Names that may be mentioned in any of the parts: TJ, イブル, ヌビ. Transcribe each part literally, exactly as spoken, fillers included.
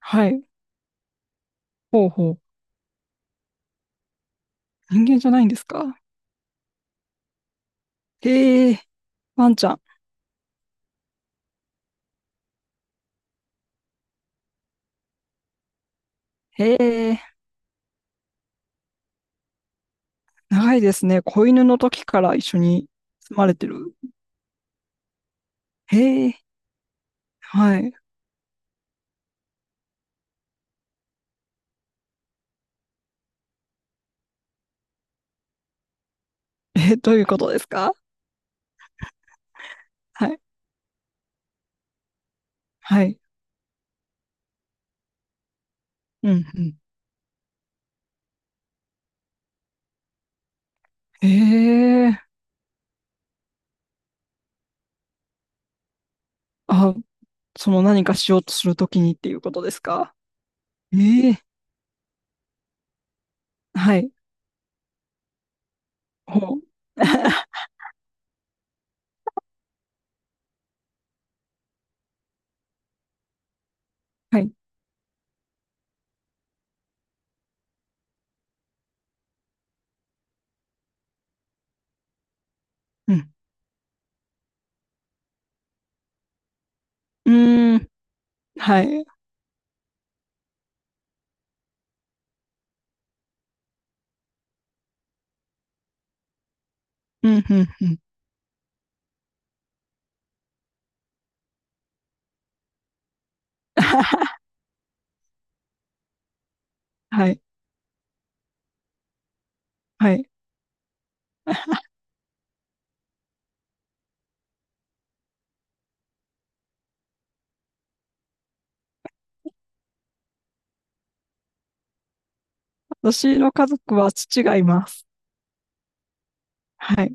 はい。ほうほう。人間じゃないんですか？へえ、ワンちゃん。へえ、長いですね。子犬の時から一緒に住まれてる。へえ、はい。え、どういうことですか？はい。はい。うん、うん。へえ、あ、その何かしようとするときにっていうことですか？ええ、はい。ほう。はい。うん。うーん、はい。うん、うん、うん。はい。はい。私の家族は父がいます。はい。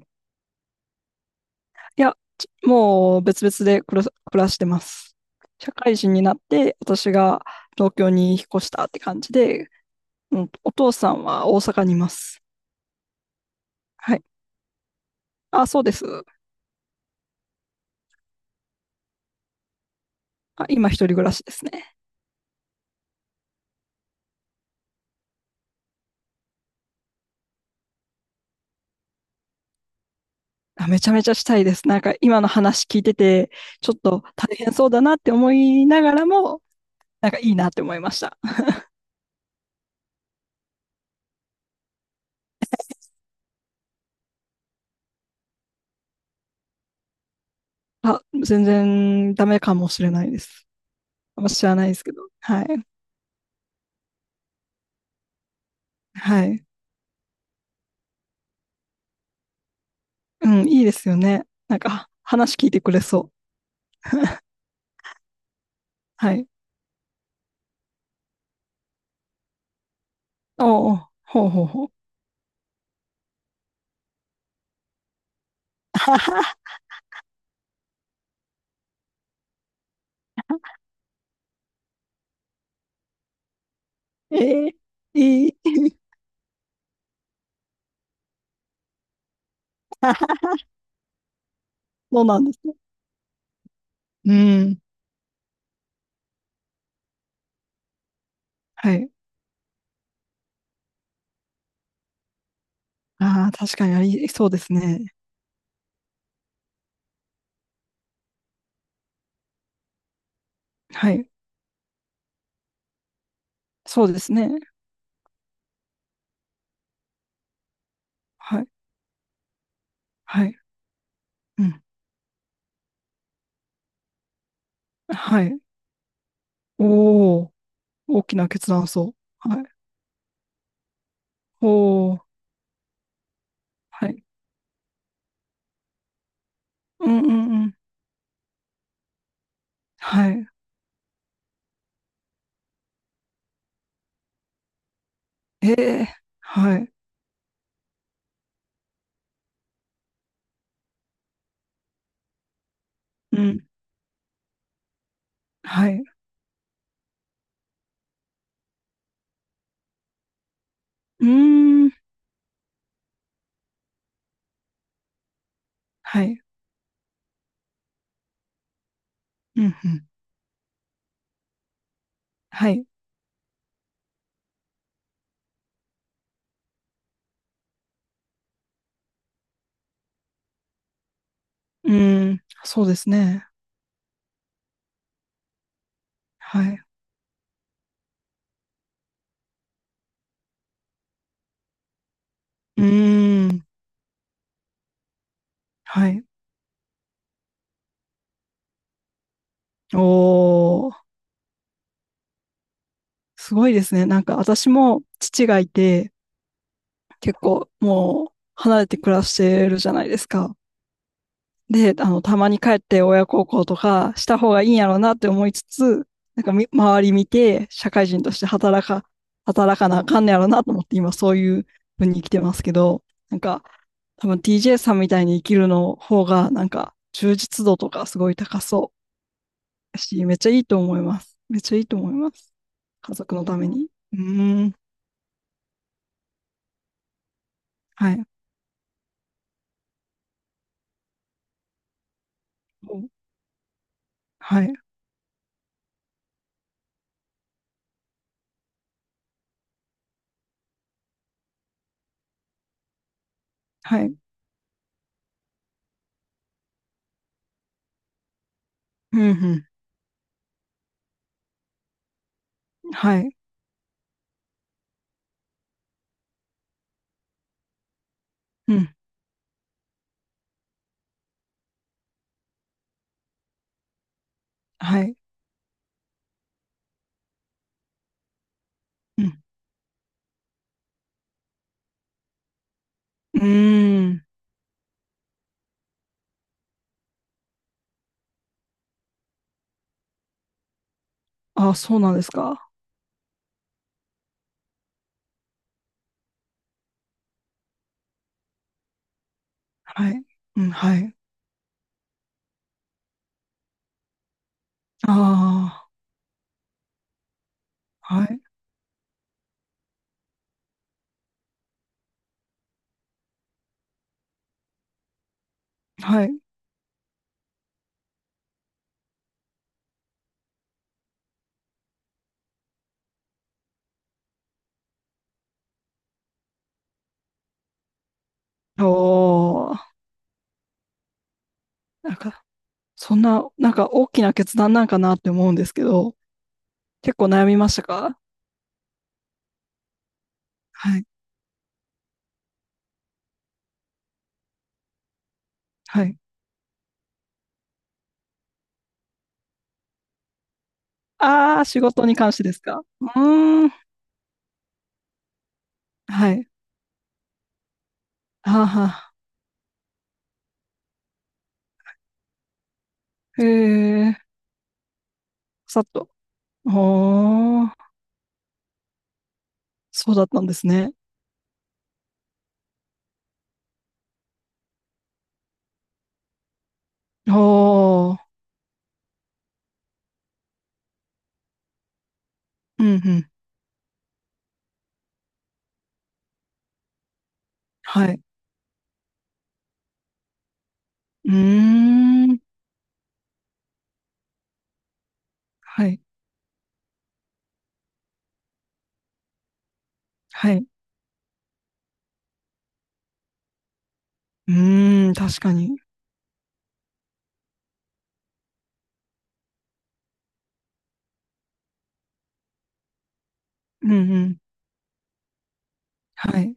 いや、ちもう別々で暮ら暮らしてます。社会人になって、私が東京に引っ越したって感じで、うん、お父さんは大阪にいます。はい。あ、そうです。あ、今一人暮らしですね。あ、めちゃめちゃしたいです。なんか今の話聞いてて、ちょっと大変そうだなって思いながらも、なんかいいなって思いました。あ、全然ダメかもしれないです。あんま知らないですけど。はい。はい。うん、いいですよね。なんか話聞いてくれそう。はい。おう、ほうほうほう。ええいい。そうなんですね。うん。はい。ああ、確かにありそうですね。はい。そうですね。はい。はい。うん。はい。おお、大きな決断そう。はい。おお、はい。うんうんうん。はい。ええはい。うん。はい。うーん。はい。うんうん。はい。うーん。そうですね。はい。うーん。はい。おお。すごいですね。なんか私も父がいて、結構もう離れて暮らしてるじゃないですか。で、あの、たまに帰って親孝行とかした方がいいんやろうなって思いつつ、なんかみ周り見て社会人として働か、働かなあかんねやろうなと思って今そういう風に生きてますけど、なんか多分 ティージェー さんみたいに生きるの方がなんか充実度とかすごい高そうし、めっちゃいいと思います。めっちゃいいと思います。家族のために。うーん。はい。はい、はい、うん、うん。はい、うん。はい。うん。うーん。あ、そうなんですか。はい。うん。はい。ああ、はい。はい。おー、なんか、そんな、なんか大きな決断なんかなって思うんですけど、結構悩みましたか？はい。はい。ああ、仕事に関してですか？うーん。はい。はあはあ。へえ、さっと。おー、そうだったんですね。おー、うん、うん。はい。うーん。はい。はい。うーん。確かに。うんうん。はい。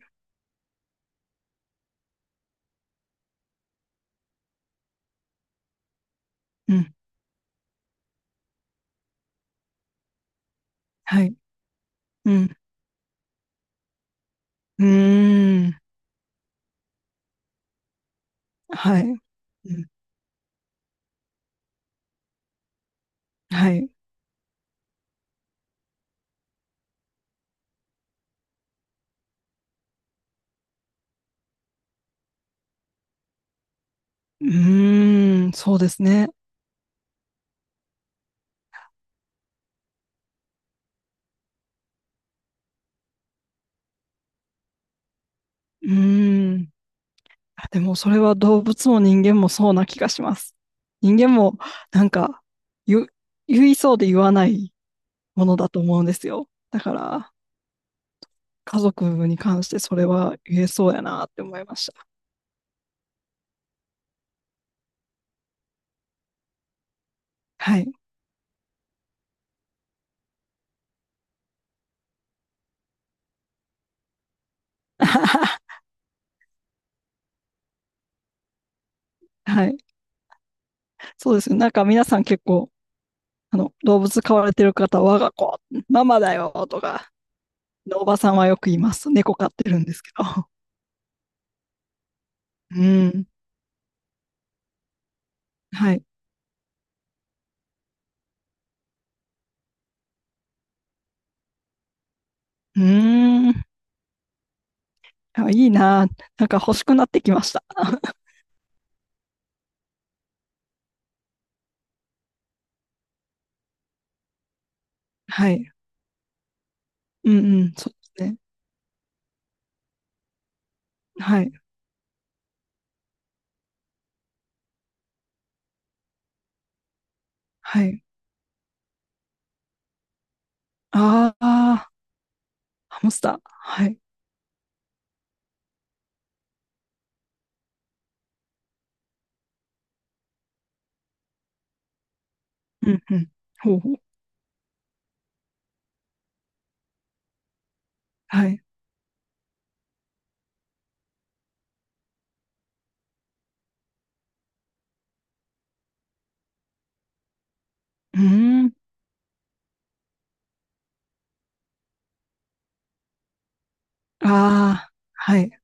うん。はい。うん。うーん。はい。うん。はい。うーん。そうですね。うーん。あ、でも、それは動物も人間もそうな気がします。人間も、なんか、言、言いそうで言わないものだと思うんですよ。だから、家族に関してそれは言えそうやなって思いました。はい。はい。そうですね。なんか皆さん結構、あの、動物飼われてる方は、我が子、ママだよとか、おばさんはよく言います。猫飼ってるんですけど。うん。はい。うーん。あ、いいな。なんか欲しくなってきました。はい。うんうん。そうですね。はい。はい。ああ、ハムスター。はい。うんうん。ほうほう。はい。うーん。ああ、はい。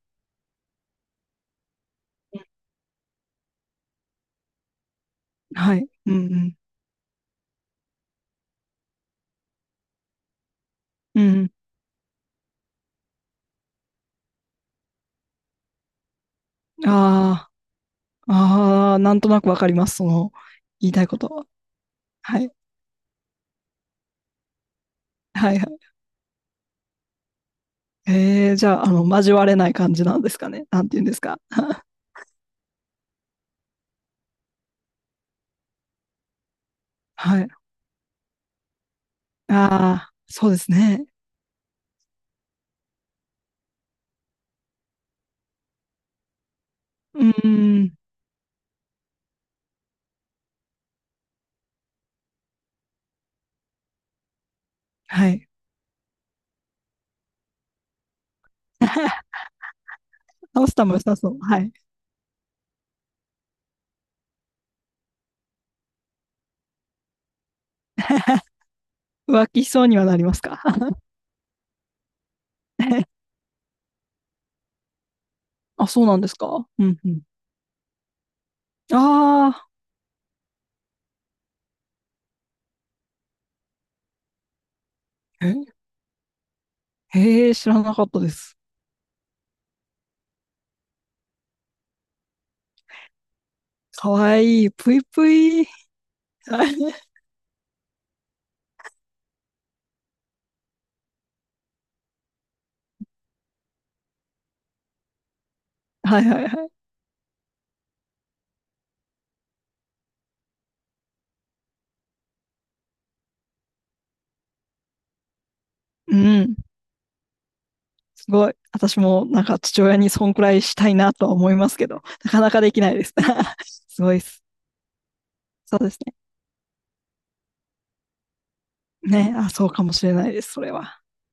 はい。うんうん。うんうん。ああ、ああ、なんとなくわかります。その、言いたいこと。はい。はいはい。えー、じゃあ、あの、交われない感じなんですかね。なんて言うんですか。はい。ああ、そうですね。うーん、はい。ハムスターも良さそう。はい。浮気しそうにはなりますか？あ、そうなんですか？うんうん。ああ、え、へえ、知らなかったです。可愛いい、ぷいぷい。はいはいはいはい。うん、すごい。私もなんか父親にそんくらいしたいなとは思いますけど、なかなかできないです。すごいです。そうですね。ね、あ、そうかもしれないです、それは。